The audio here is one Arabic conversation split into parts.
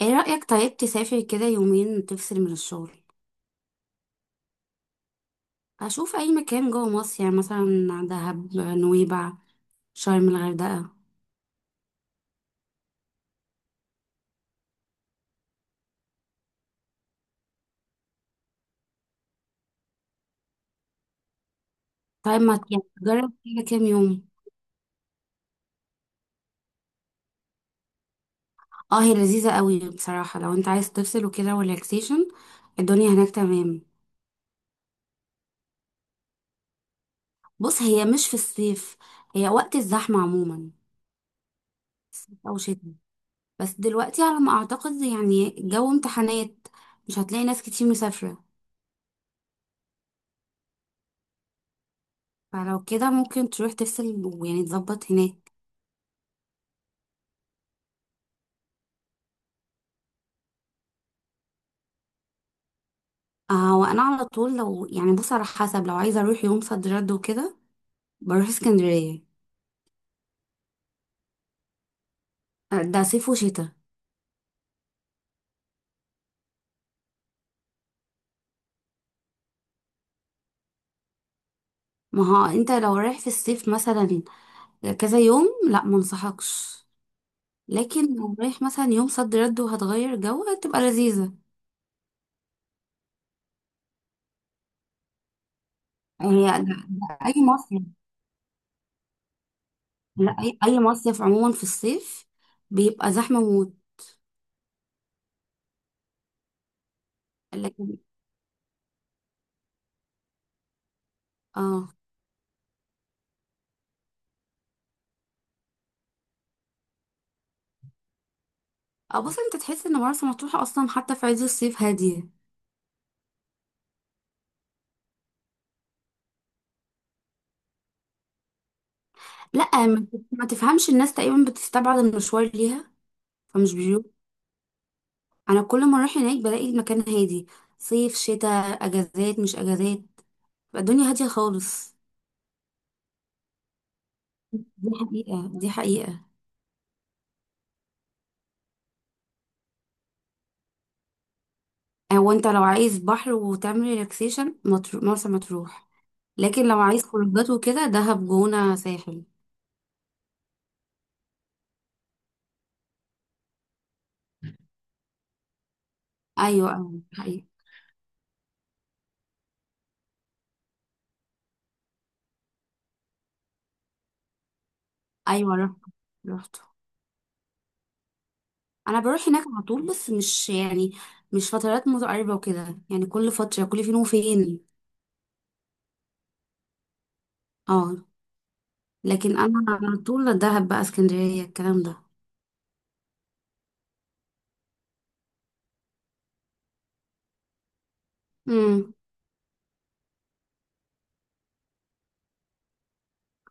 ايه رأيك؟ طيب تسافر كده يومين تفصل من الشغل؟ اشوف اي مكان جوه مصر، يعني مثلا دهب، نويبع، شرم، الغردقة. طيب ما ت- يعني تجرب كده كام يوم؟ اه، هي لذيذة قوي بصراحة. لو انت عايز تفصل وكده وريلاكسيشن، الدنيا هناك تمام. بص، هي مش في الصيف، هي وقت الزحمة عموما، صيف او شتاء. بس دلوقتي على ما اعتقد يعني جو امتحانات، مش هتلاقي ناس كتير مسافرة. فلو كده ممكن تروح تفصل، ويعني تظبط هناك. آه، وانا على طول لو يعني بص على حسب، لو عايزه اروح يوم صد رد وكده بروح اسكندريه. آه، ده صيف وشتاء. ما هو انت لو رايح في الصيف مثلا كذا يوم، لا منصحكش. لكن لو رايح مثلا يوم صد رد وهتغير جو، هتبقى لذيذه. هي ده اي مصيف. لا، اي مصيف عموما في الصيف بيبقى زحمه موت. لكن اه اه بص، انت تحس ان مرسى مطروح اصلا حتى في عز الصيف هاديه. لا، ما تفهمش، الناس تقريبا بتستبعد المشوار ليها. فمش بيو انا كل ما اروح هناك بلاقي المكان هادي، صيف شتاء اجازات مش اجازات، بقى الدنيا هاديه خالص. دي حقيقه، دي حقيقه. هو انت لو عايز بحر وتعمل ريلاكسيشن، مرسى مطروح. لكن لو عايز خروجات وكده، دهب، جونه، ساحل. ايوه، ايوه، حقيقة. ايوه، رحت. انا بروح هناك على طول، بس مش يعني مش فترات متقاربه وكده، يعني كل فتره، كل فين وفين. اه. لكن انا على طول دهب بقى، اسكندريه، الكلام ده.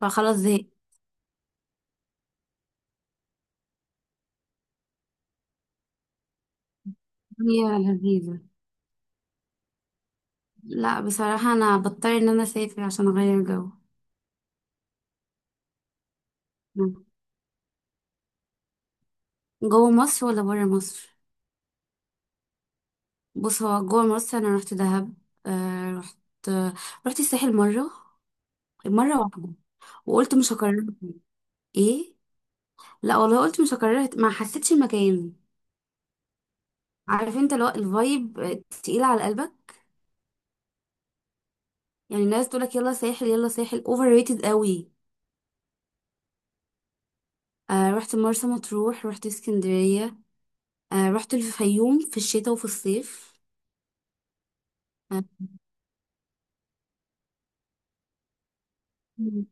فخلاص زهقت. هي لذيذة. لا، بصراحة أنا بضطر إن أنا أسافر عشان أغير جو. مم. جوه مصر ولا برا مصر؟ بص، هو جوه مصر أنا رحت دهب. آه، رحت. رحت الساحل مرة، مرة واحدة. وقلت مش هكررها تاني. إيه. لا والله، قلت مش هكررها ما حسيتش المكان. عارف انت؟ لو الفايب تقيلة على قلبك، يعني الناس تقولك يلا ساحل يلا ساحل، اوفر ريتد قوي. آه، رحت مرسى مطروح، رحت اسكندرية. آه، رحت الفيوم في الشتاء وفي الصيف. آه. مم.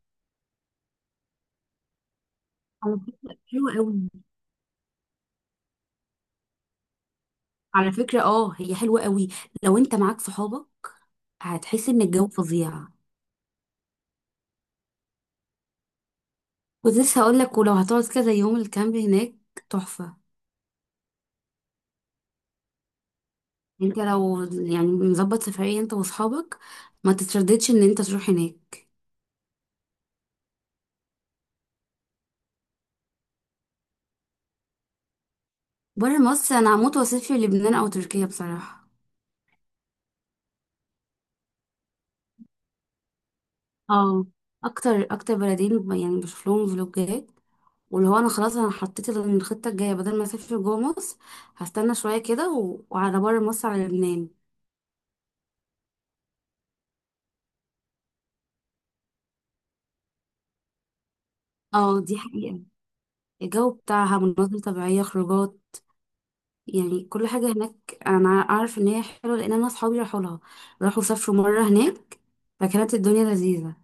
على فكرة، حلوة قوي. على فكرة هي حلوة قوي. لو انت معاك صحابك هتحس ان الجو فظيع. كنت لسه هقول لك، ولو هتقعد كذا يوم، الكامب هناك تحفة. انت لو يعني مظبط سفرية انت واصحابك، ما تترددش ان انت تروح هناك. بره مصر، انا هموت واسافر لبنان او تركيا بصراحة. اه. اكتر اكتر بلدين يعني بشوف لهم فلوجات. واللي هو انا خلاص، انا حطيت الخطة الجاية بدل ما اسافر جوه مصر، هستنى شوية كده و- وعلى بره مصر، على لبنان. اه، دي حقيقة. الجو بتاعها، مناظر طبيعية، خروجات، يعني كل حاجة هناك. أنا أعرف إن هي حلوة لأن أنا أصحابي راحوا لها، راحوا سافروا مرة هناك، فكانت الدنيا لذيذة.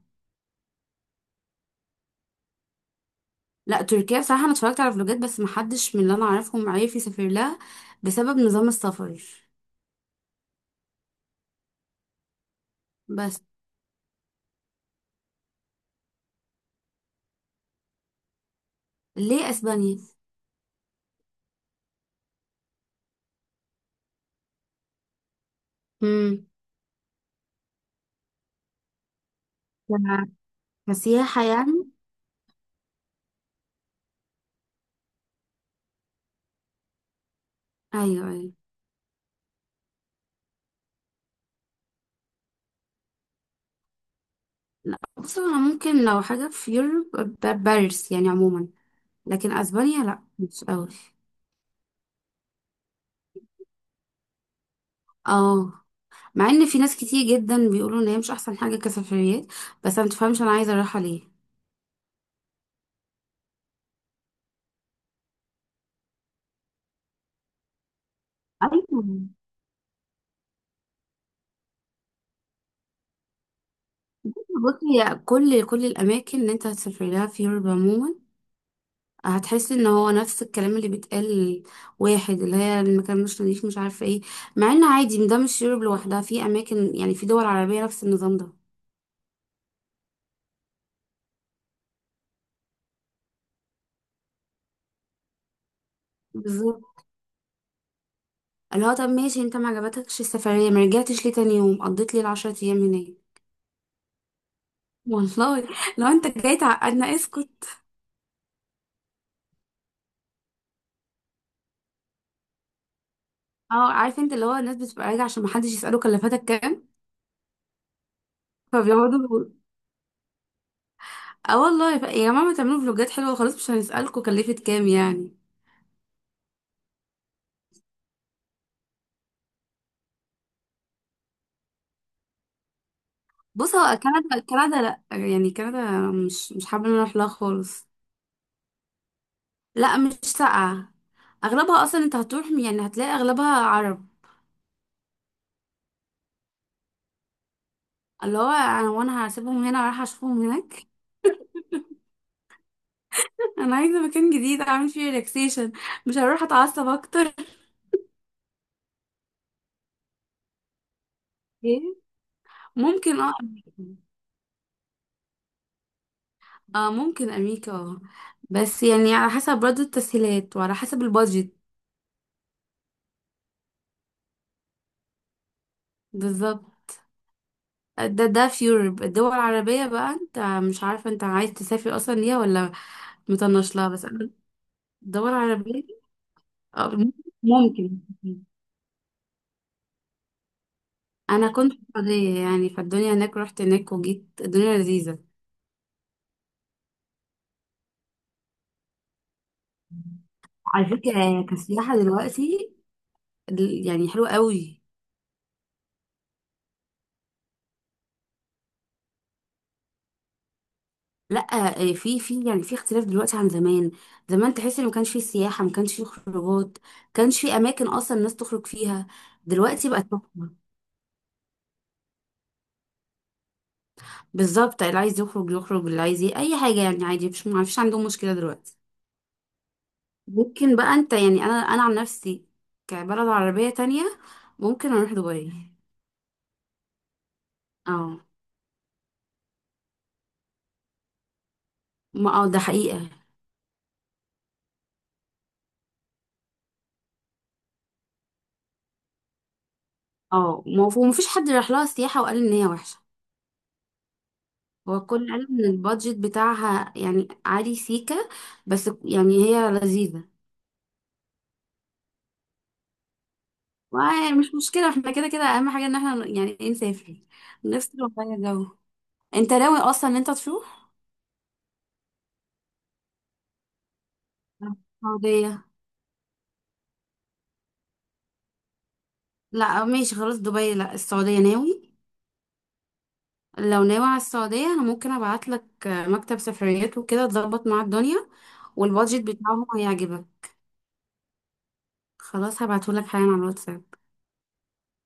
لا، تركيا بصراحة أنا اتفرجت على فلوجات، بس محدش من اللي أنا أعرفهم عارف يسافر لها بسبب نظام السفر. بس. ليه أسبانيا؟ امم. ك- كسياحة يعني. أيوه، أيوه. لا بص، أنا ممكن لو حاجة في يوروب، باريس يعني عموما. لكن أسبانيا لا، مش أوي. اه. مع ان في ناس كتير جدا بيقولوا ان هي مش احسن حاجه كسفريات، بس انا متفهمش انا عايزه اروحها ليه. ايوه. بصي، هي كل الاماكن اللي انت هتسافر لها في يوروب عموما، هتحس ان هو نفس الكلام اللي بيتقال. واحد اللي هي المكان مش نضيف، مش عارفه ايه. مع ان عادي، ده مش يوروب لوحدها، في اماكن، يعني في دول عربيه نفس النظام ده. بالظبط. اللي هو طب ماشي، انت ما عجبتكش السفريه، ما رجعتش ليه تاني يوم، قضيت لي العشرة ايام هناك. والله. لو انت جاي تعقدنا اسكت. اه، عارف انت، اللي هو الناس بتبقى راجعه عشان محدش يساله كلفتك كام، فبيقعدوا. اه والله، يا ماما تعملوا فلوجات حلوه خلاص، مش هنسالكم كلفت كام يعني. بص، هو كندا، كندا لا يعني، كندا مش حابه ان انا اروح لها خالص. لا، مش ساقعه. اغلبها اصلا انت هتروح يعني هتلاقي اغلبها عرب. اللي هو انا، وانا هسيبهم هنا ورايحه اشوفهم هناك. انا عايزه مكان جديد اعمل فيه ريلاكسيشن، مش هروح اتعصب اكتر. ايه. ممكن، أمريكا. اه، ممكن امريكا، اه. بس يعني على حسب برضه التسهيلات وعلى حسب البادجت. بالظبط. ده في يوروب الدول العربية بقى. انت مش عارفة انت عايز تسافر اصلا ليها ولا مطنش لها، بس انا الدول العربية. اه، ممكن. انا كنت في السعودية، يعني فالدنيا هناك، رحت هناك وجيت الدنيا لذيذة. على فكرة كسياحة دلوقتي يعني حلوة قوي. لا، آه، في يعني في اختلاف دلوقتي عن زمان. زمان تحس ان ما كانش في سياحه، ما كانش في خروجات، ما كانش في اماكن اصلا الناس تخرج فيها. دلوقتي بقت مفتوحة. بالظبط، اللي عايز يخرج يخرج، اللي عايز اي حاجه يعني، عادي، مش ما فيش عندهم مشكله دلوقتي. ممكن بقى انت يعني انا عن نفسي، كبلد عربيه تانية، ممكن اروح دبي. اه. ما ده حقيقه. اه ما هو مفيش حد راح لها سياحه وقال ان هي وحشه. هو كل علم ان البادجت بتاعها يعني عالي سيكا، بس يعني هي لذيذة. ومش مشكلة، احنا كده كده اهم حاجة ان احنا يعني ايه نسافر، نفصل ونغير جو. انت ناوي اصلا ان انت تروح السعودية؟ لا ماشي خلاص، دبي لا، السعودية ناوي. لو ناوي على السعودية انا ممكن ابعت لك مكتب سفريات وكده، تظبط مع الدنيا، والبادجت بتاعهم هيعجبك. خلاص، هبعته لك حالا على الواتساب.